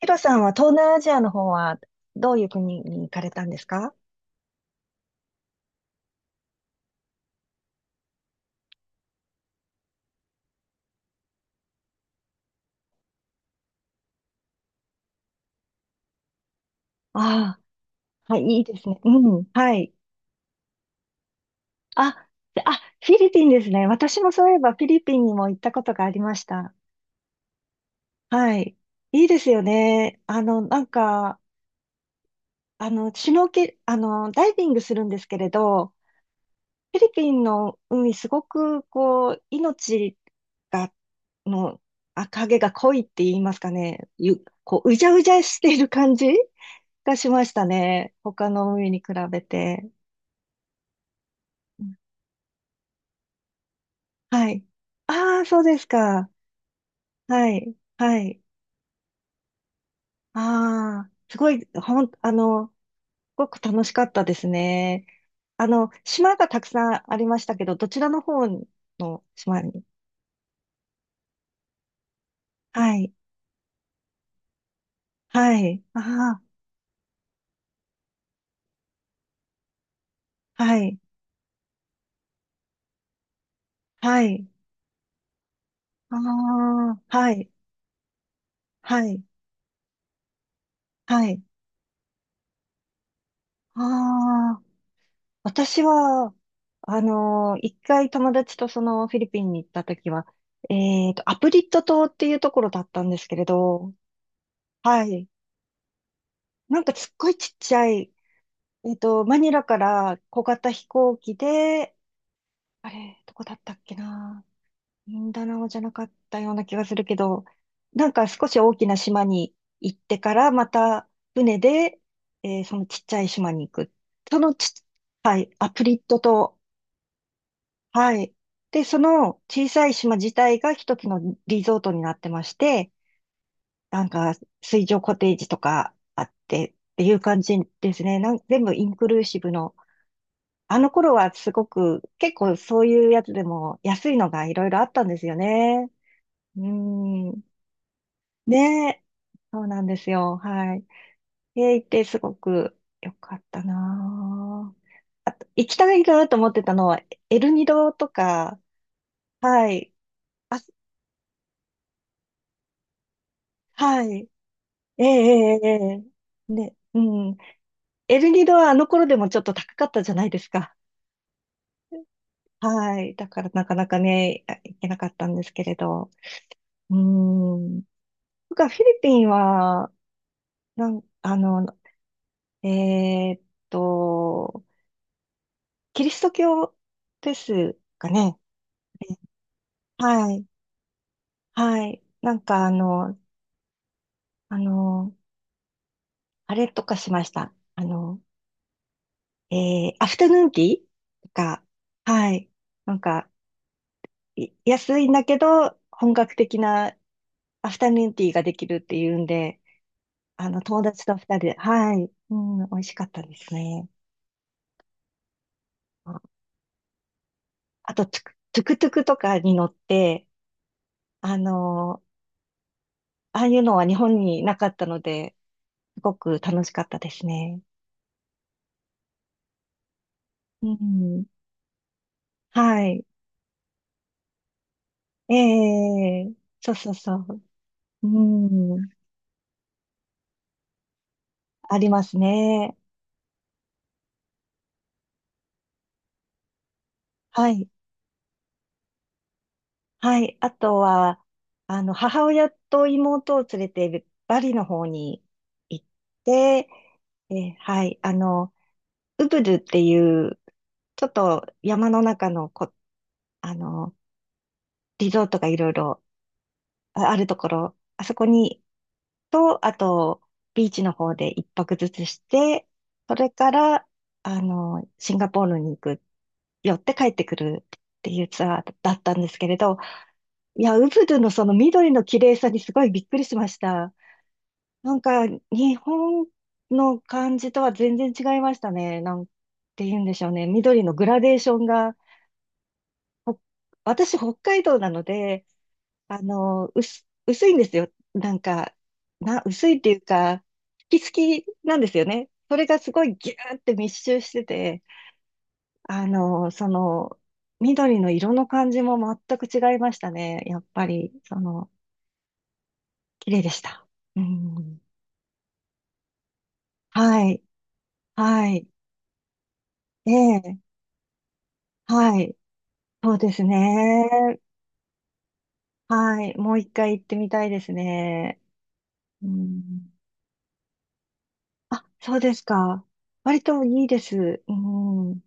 ヒロさんは東南アジアの方はどういう国に行かれたんですか？ああ、はい、いいですね。うん、はい。あ、でフィリピンですね。私もそういえばフィリピンにも行ったことがありました。はい。いいですよね。シュノーケ、ダイビングするんですけれど、フィリピンの海すごく、こう、命が、の、あ、影が濃いって言いますかね。こう、うじゃうじゃしている感じがしましたね。他の海に比べて。はい。ああ、そうですか。はい。はい。ああ、すごい、ほん、あの、すごく楽しかったですね。あの、島がたくさんありましたけど、どちらの方の島に。はい。はい。ああ、はい。はい。ああ、はい。はい。はい。ああ。私は、一回友達とそのフィリピンに行った時は、えっと、アプリット島っていうところだったんですけれど、はい。なんかすっごいちっちゃい、えっと、マニラから小型飛行機で、あれ、どこだったっけな。ミンダナオじゃなかったような気がするけど、なんか少し大きな島に行ってから、また船で、そのちっちゃい島に行く。そのちっ、はい、アプリット島。はい。で、その小さい島自体が一つのリゾートになってまして、なんか水上コテージとかあってっていう感じですね。全部インクルーシブの。あの頃はすごく、結構そういうやつでも安いのがいろいろあったんですよね。うーん。ねえ。そうなんですよ。はい。行ってすごく良かったなぁ。あと、行きたいなと思ってたのは、エルニドとか、はい。あ、はい。ええ、ええ、ええ、ね、うん。エルニドはあの頃でもちょっと高かったじゃないですか。はい。だからなかなかね、いけなかったんですけれど。うん。僕はフィリピンは、なん、あの、えーっと、キリスト教ですかね。はい。はい。なんかあの、あれとかしました。えアフタヌーンティーとか、はい。なんか、安いんだけど、本格的なアフタヌーンティーができるっていうんで、あの、友達と二人で、はい、うん、美味しかったですね。あと、トゥクトゥクトゥクとかに乗って、あの、ああいうのは日本になかったので、すごく楽しかったですね。うん。はい。ええ、そうそうそう。うん。ありますね。はい。はい。あとは、あの、母親と妹を連れてバリの方に行って、え、はい。あの、ウブルっていう、ちょっと山の中のこ、あの、リゾートがいろいろるところ、あそこに、と、あと、ビーチの方で一泊ずつして、それから、あの、シンガポールに行く、寄って帰ってくるっていうツアーだったんですけれど、いや、ウブドゥのその緑の綺麗さにすごいびっくりしました。なんか、日本の感じとは全然違いましたね。なんて言うんでしょうね。緑のグラデーションが、ほ私、北海道なので、あの、薄いんですよ。なんか、薄いっていうか、好きなんですよね。それがすごいギューって密集してて、あの、その、緑の色の感じも全く違いましたね。やっぱり、その、綺麗でした。うん。はい。はい。ええ。はい。そうですね。はい。もう一回行ってみたいですね。うん。あ、そうですか。割といいです。うん。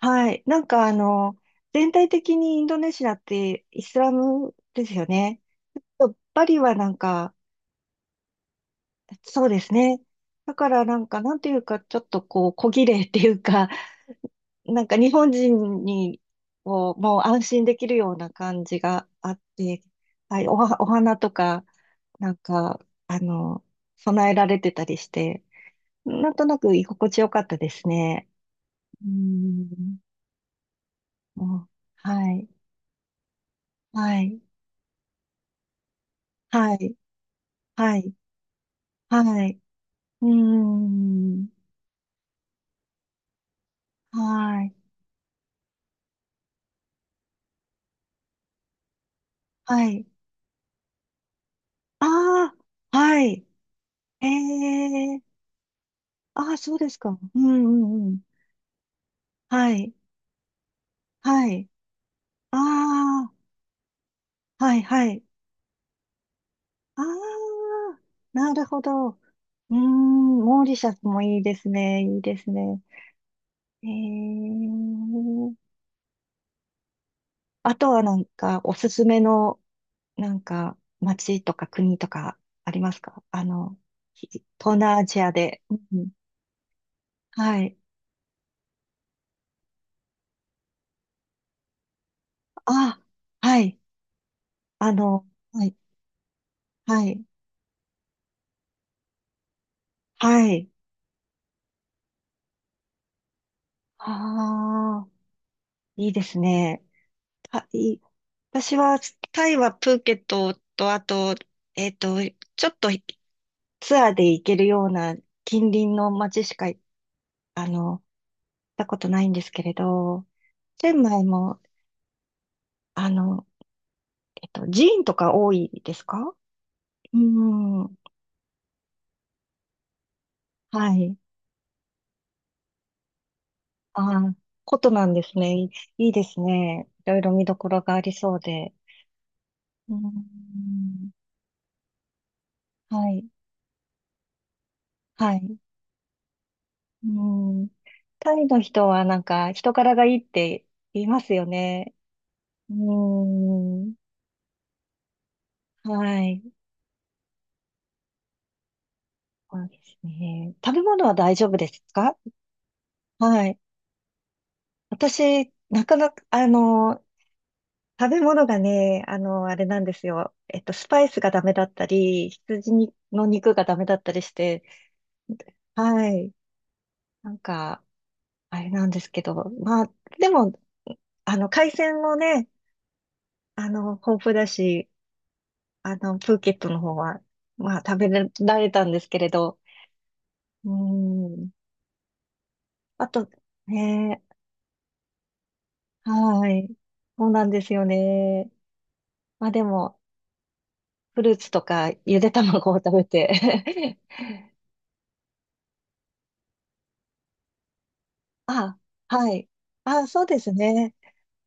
はい。なんかあの、全体的にインドネシアってイスラムですよね。バリはなんか、そうですね。だからなんか、なんていうか、ちょっとこう、小綺麗っていうか、なんか日本人に、こう、もう安心できるような感じがあって、はい、お花とか、なんか、あの、備えられてたりして、なんとなく居心地よかったですね。うん。もう、はい、はい、はい、はい、はい、うーん、はい、はい。ああ、はい、ええ、ああ、そうですか。うん、うん、うん。はい、はい。ああ、はいはい。ああ、なるほど。うーん、モーリシャスもいいですね。いいですね。えー、あとはなんか、おすすめの、なんか、街とか国とかありますか、あの、東南アジアで。うん、はい。あ、はい。あの、はい、はい、はい。ああ、いいですね。はい。私は、タイはプーケットと、あと、えっと、ちょっとツアーで行けるような近隣の街しか、あの、行ったことないんですけれど、チェンマイも、あの、寺院とか多いですか？うん。はい。ああ、ことなんですね。いいですね。いろいろ見どころがありそうで。うん。はい。はい。うん。タイの人はなんか人柄がいいって言いますよね。うん。はい。そうですね。食べ物は大丈夫ですか？はい。私、なかなか、あの、食べ物がね、あの、あれなんですよ。えっと、スパイスがダメだったり、羊の肉がダメだったりして、はい。なんか、あれなんですけど、まあ、でも、あの、海鮮もね、あの、豊富だし、あの、プーケットの方は、まあ、食べられたんですけれど、うん。あと、ね、はい。そうなんですよね。まあでも、フルーツとか、ゆで卵を食べて。 あ、はい。あ、そうですね。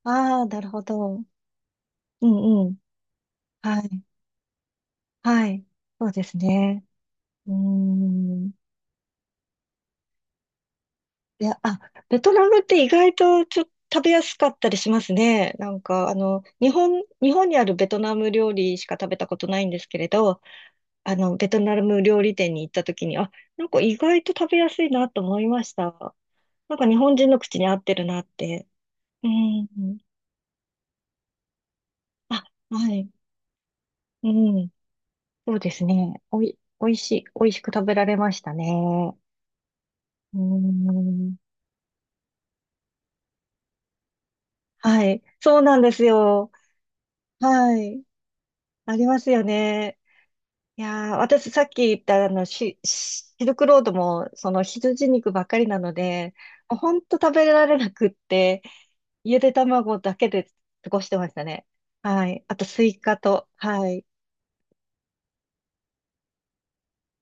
ああ、なるほど。うんうん。はい。はい。そうですね。うーん。いや、あ、ベトナムって意外とちょっと食べやすかったりしますね。なんか、あの、日本にあるベトナム料理しか食べたことないんですけれど、あの、ベトナム料理店に行った時に、あ、なんか意外と食べやすいなと思いました。なんか日本人の口に合ってるなって。うん。あ、はい。うん。そうですね。おいしく食べられましたね。うん。はい。そうなんですよ。はい。ありますよね。いやー、私さっき言ったあのシルクロードもその羊肉ばっかりなので、もうほんと食べられなくって、ゆで卵だけで過ごしてましたね。はい。あとスイカと、はい。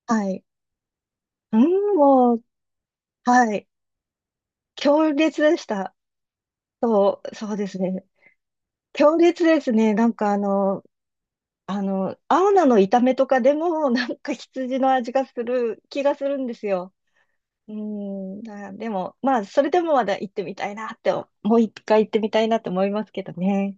はい。うん、もう、はい。強烈でした。そうですね。強烈ですね。なんかあの、青菜の炒めとかでも、なんか羊の味がする気がするんですよ。うーん、あ、でも、まあ、それでもまだ行ってみたいなって、もう一回行ってみたいなって思いますけどね。